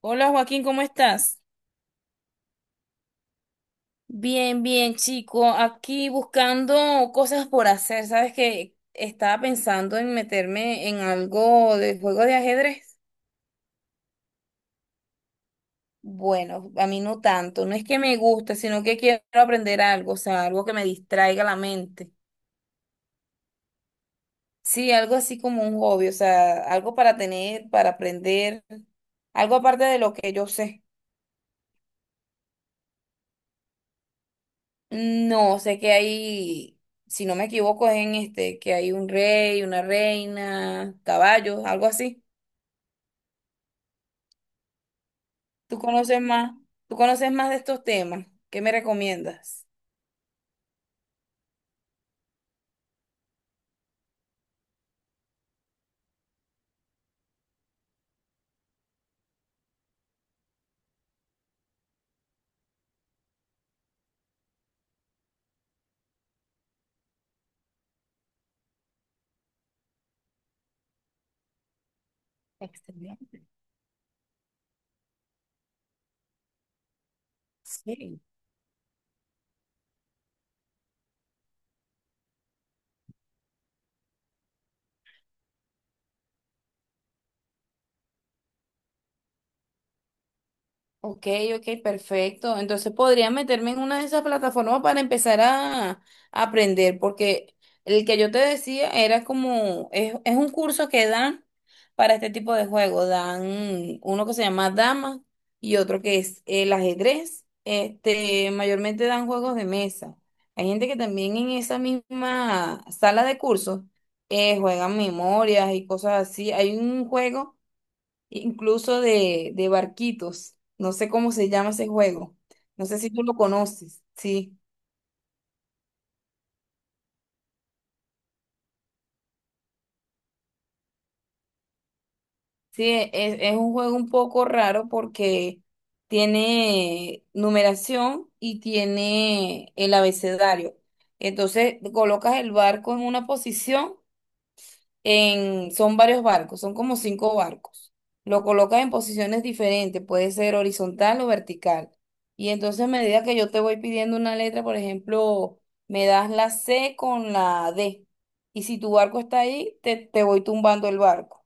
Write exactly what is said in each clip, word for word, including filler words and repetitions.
Hola Joaquín, ¿cómo estás? Bien, bien, chico. Aquí buscando cosas por hacer. Sabes que estaba pensando en meterme en algo de juego de ajedrez. Bueno, a mí no tanto. No es que me guste, sino que quiero aprender algo, o sea, algo que me distraiga la mente. Sí, algo así como un hobby, o sea, algo para tener, para aprender, algo aparte de lo que yo sé. No, sé que hay, si no me equivoco, es en este, que hay un rey, una reina, caballos, algo así. ¿Tú conoces más? ¿Tú conoces más de estos temas? ¿Qué me recomiendas? Excelente. Sí. Ok, ok, perfecto. Entonces podría meterme en una de esas plataformas para empezar a, a aprender, porque el que yo te decía era como, es, es un curso que dan para este tipo de juego. Dan uno que se llama Dama y otro que es el ajedrez. Este, mayormente dan juegos de mesa. Hay gente que también en esa misma sala de cursos eh, juegan memorias y cosas así. Hay un juego incluso de, de barquitos. No sé cómo se llama ese juego. No sé si tú lo conoces. Sí, sí, e- es, es un juego un poco raro porque tiene numeración y tiene el abecedario. Entonces colocas el barco en una posición en, son varios barcos, son como cinco barcos. Lo colocas en posiciones diferentes, puede ser horizontal o vertical. Y entonces a medida que yo te voy pidiendo una letra, por ejemplo, me das la C con la D. Y si tu barco está ahí, te, te voy tumbando el barco.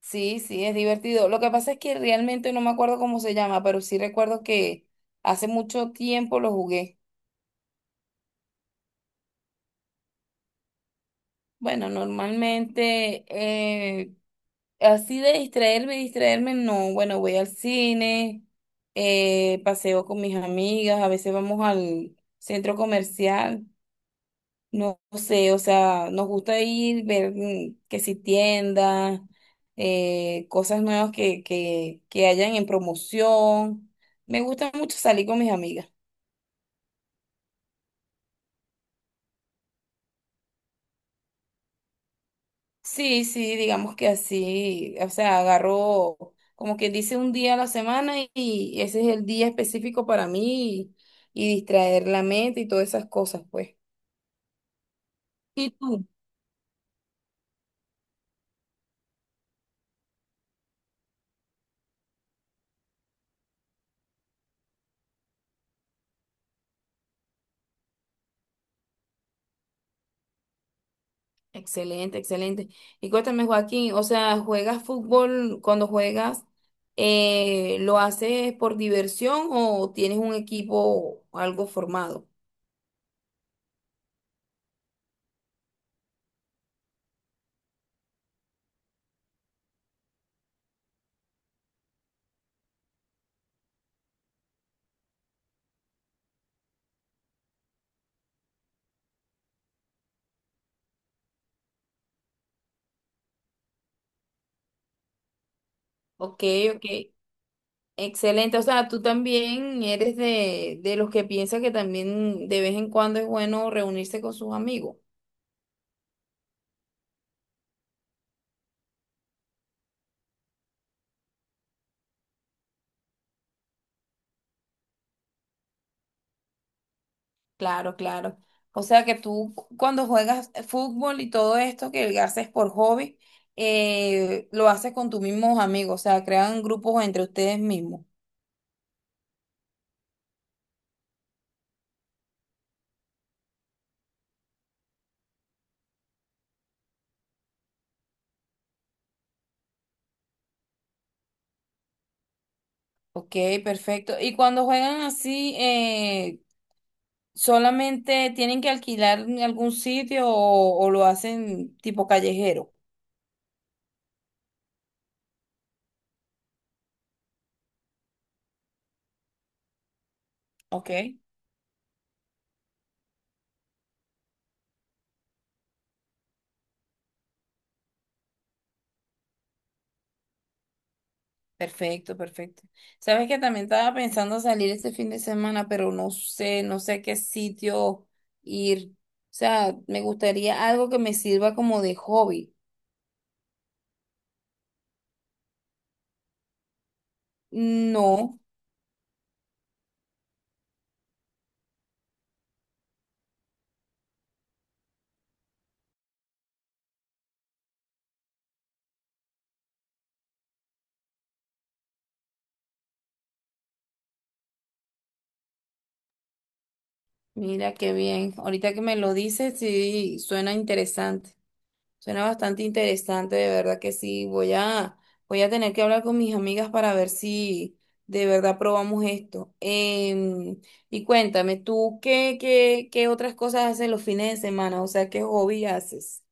Sí, sí, es divertido. Lo que pasa es que realmente no me acuerdo cómo se llama, pero sí recuerdo que hace mucho tiempo lo jugué. Bueno, normalmente eh, así de distraerme, distraerme, no. Bueno, voy al cine, eh, paseo con mis amigas, a veces vamos al centro comercial, no sé, o sea, nos gusta ir, ver mm, que si tiendas, eh, cosas nuevas que, que, que hayan en promoción. Me gusta mucho salir con mis amigas. Sí, sí, digamos que así, o sea, agarro como quien dice un día a la semana y, y ese es el día específico para mí y, y distraer la mente y todas esas cosas, pues. ¿Y tú? Excelente, excelente. Y cuéntame, Joaquín, o sea, ¿juegas fútbol cuando juegas? Eh, ¿lo haces por diversión o tienes un equipo algo formado? Ok, ok. Excelente, o sea, tú también eres de, de los que piensa que también de vez en cuando es bueno reunirse con sus amigos. Claro, claro. O sea que tú cu- cuando juegas fútbol y todo esto que haces por hobby, eh, lo haces con tus mismos amigos, o sea, crean grupos entre ustedes mismos. Ok, perfecto. Y cuando juegan así, eh, ¿solamente tienen que alquilar en algún sitio o, o lo hacen tipo callejero? Ok. Perfecto, perfecto. Sabes que también estaba pensando salir este fin de semana, pero no sé, no sé a qué sitio ir. O sea, me gustaría algo que me sirva como de hobby. No, mira qué bien. Ahorita que me lo dices, sí, suena interesante. Suena bastante interesante, de verdad que sí. Voy a, voy a tener que hablar con mis amigas para ver si de verdad probamos esto. Em, y cuéntame, ¿tú qué, qué, qué otras cosas haces los fines de semana? O sea, ¿qué hobby haces?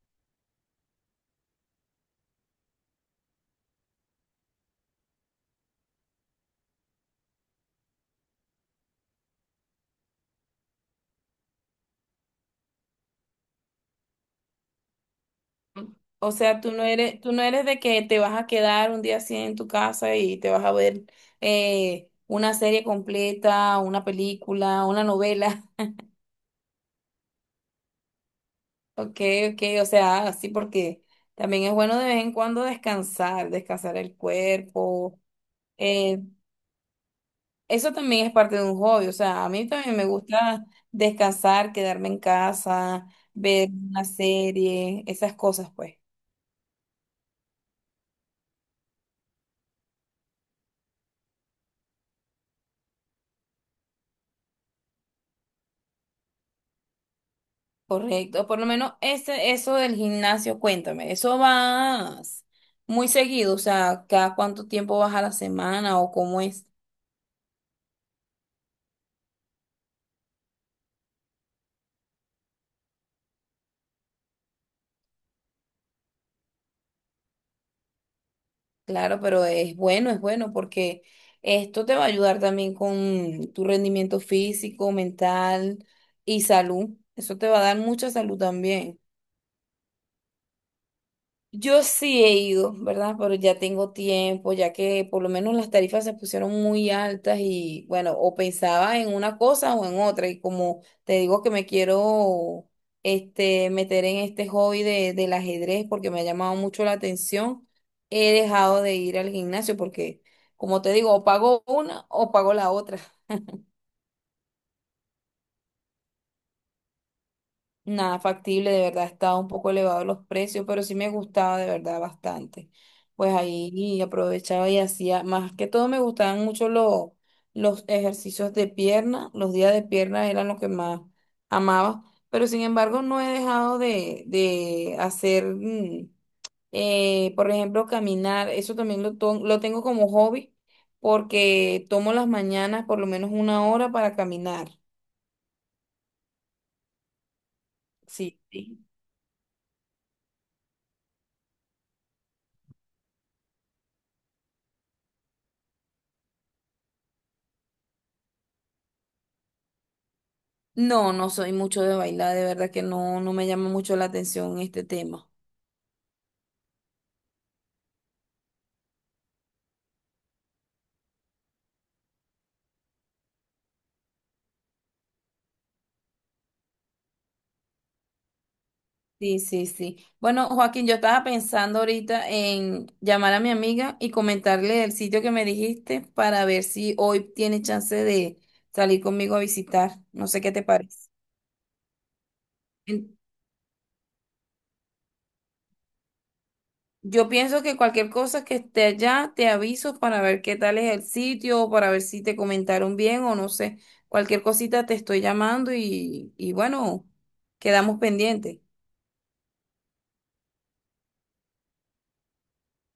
O sea, tú no eres, tú no eres de que te vas a quedar un día así en tu casa y te vas a ver eh, una serie completa, una película, una novela. Ok, ok, o sea, así porque también es bueno de vez en cuando descansar, descansar el cuerpo. eh, Eso también es parte de un hobby, o sea, a mí también me gusta descansar, quedarme en casa, ver una serie, esas cosas, pues. Correcto, por lo menos ese, eso del gimnasio, cuéntame, ¿eso vas muy seguido? O sea, ¿cada cuánto tiempo vas a la semana o cómo es? Claro, pero es bueno, es bueno porque esto te va a ayudar también con tu rendimiento físico, mental y salud. Eso te va a dar mucha salud también. Yo sí he ido, ¿verdad? Pero ya tengo tiempo, ya que por lo menos las tarifas se pusieron muy altas y bueno, o pensaba en una cosa o en otra. Y como te digo que me quiero este, meter en este hobby de, del ajedrez porque me ha llamado mucho la atención, he dejado de ir al gimnasio porque, como te digo, o pago una o pago la otra. Nada factible, de verdad estaba un poco elevado los precios, pero sí me gustaba de verdad bastante. Pues ahí aprovechaba y hacía, más que todo me gustaban mucho los, los, ejercicios de pierna, los días de pierna eran lo que más amaba, pero sin embargo no he dejado de, de hacer, mm, eh, por ejemplo, caminar, eso también lo, to- lo tengo como hobby porque tomo las mañanas por lo menos una hora para caminar. Sí. No, no soy mucho de bailar, de verdad que no, no me llama mucho la atención este tema. Sí, sí, sí. Bueno, Joaquín, yo estaba pensando ahorita en llamar a mi amiga y comentarle el sitio que me dijiste para ver si hoy tiene chance de salir conmigo a visitar. No sé qué te parece. En- Yo pienso que cualquier cosa que esté allá, te aviso para ver qué tal es el sitio, para ver si te comentaron bien o no sé. Cualquier cosita te estoy llamando y, y bueno, quedamos pendientes.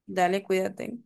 Dale, cuídate.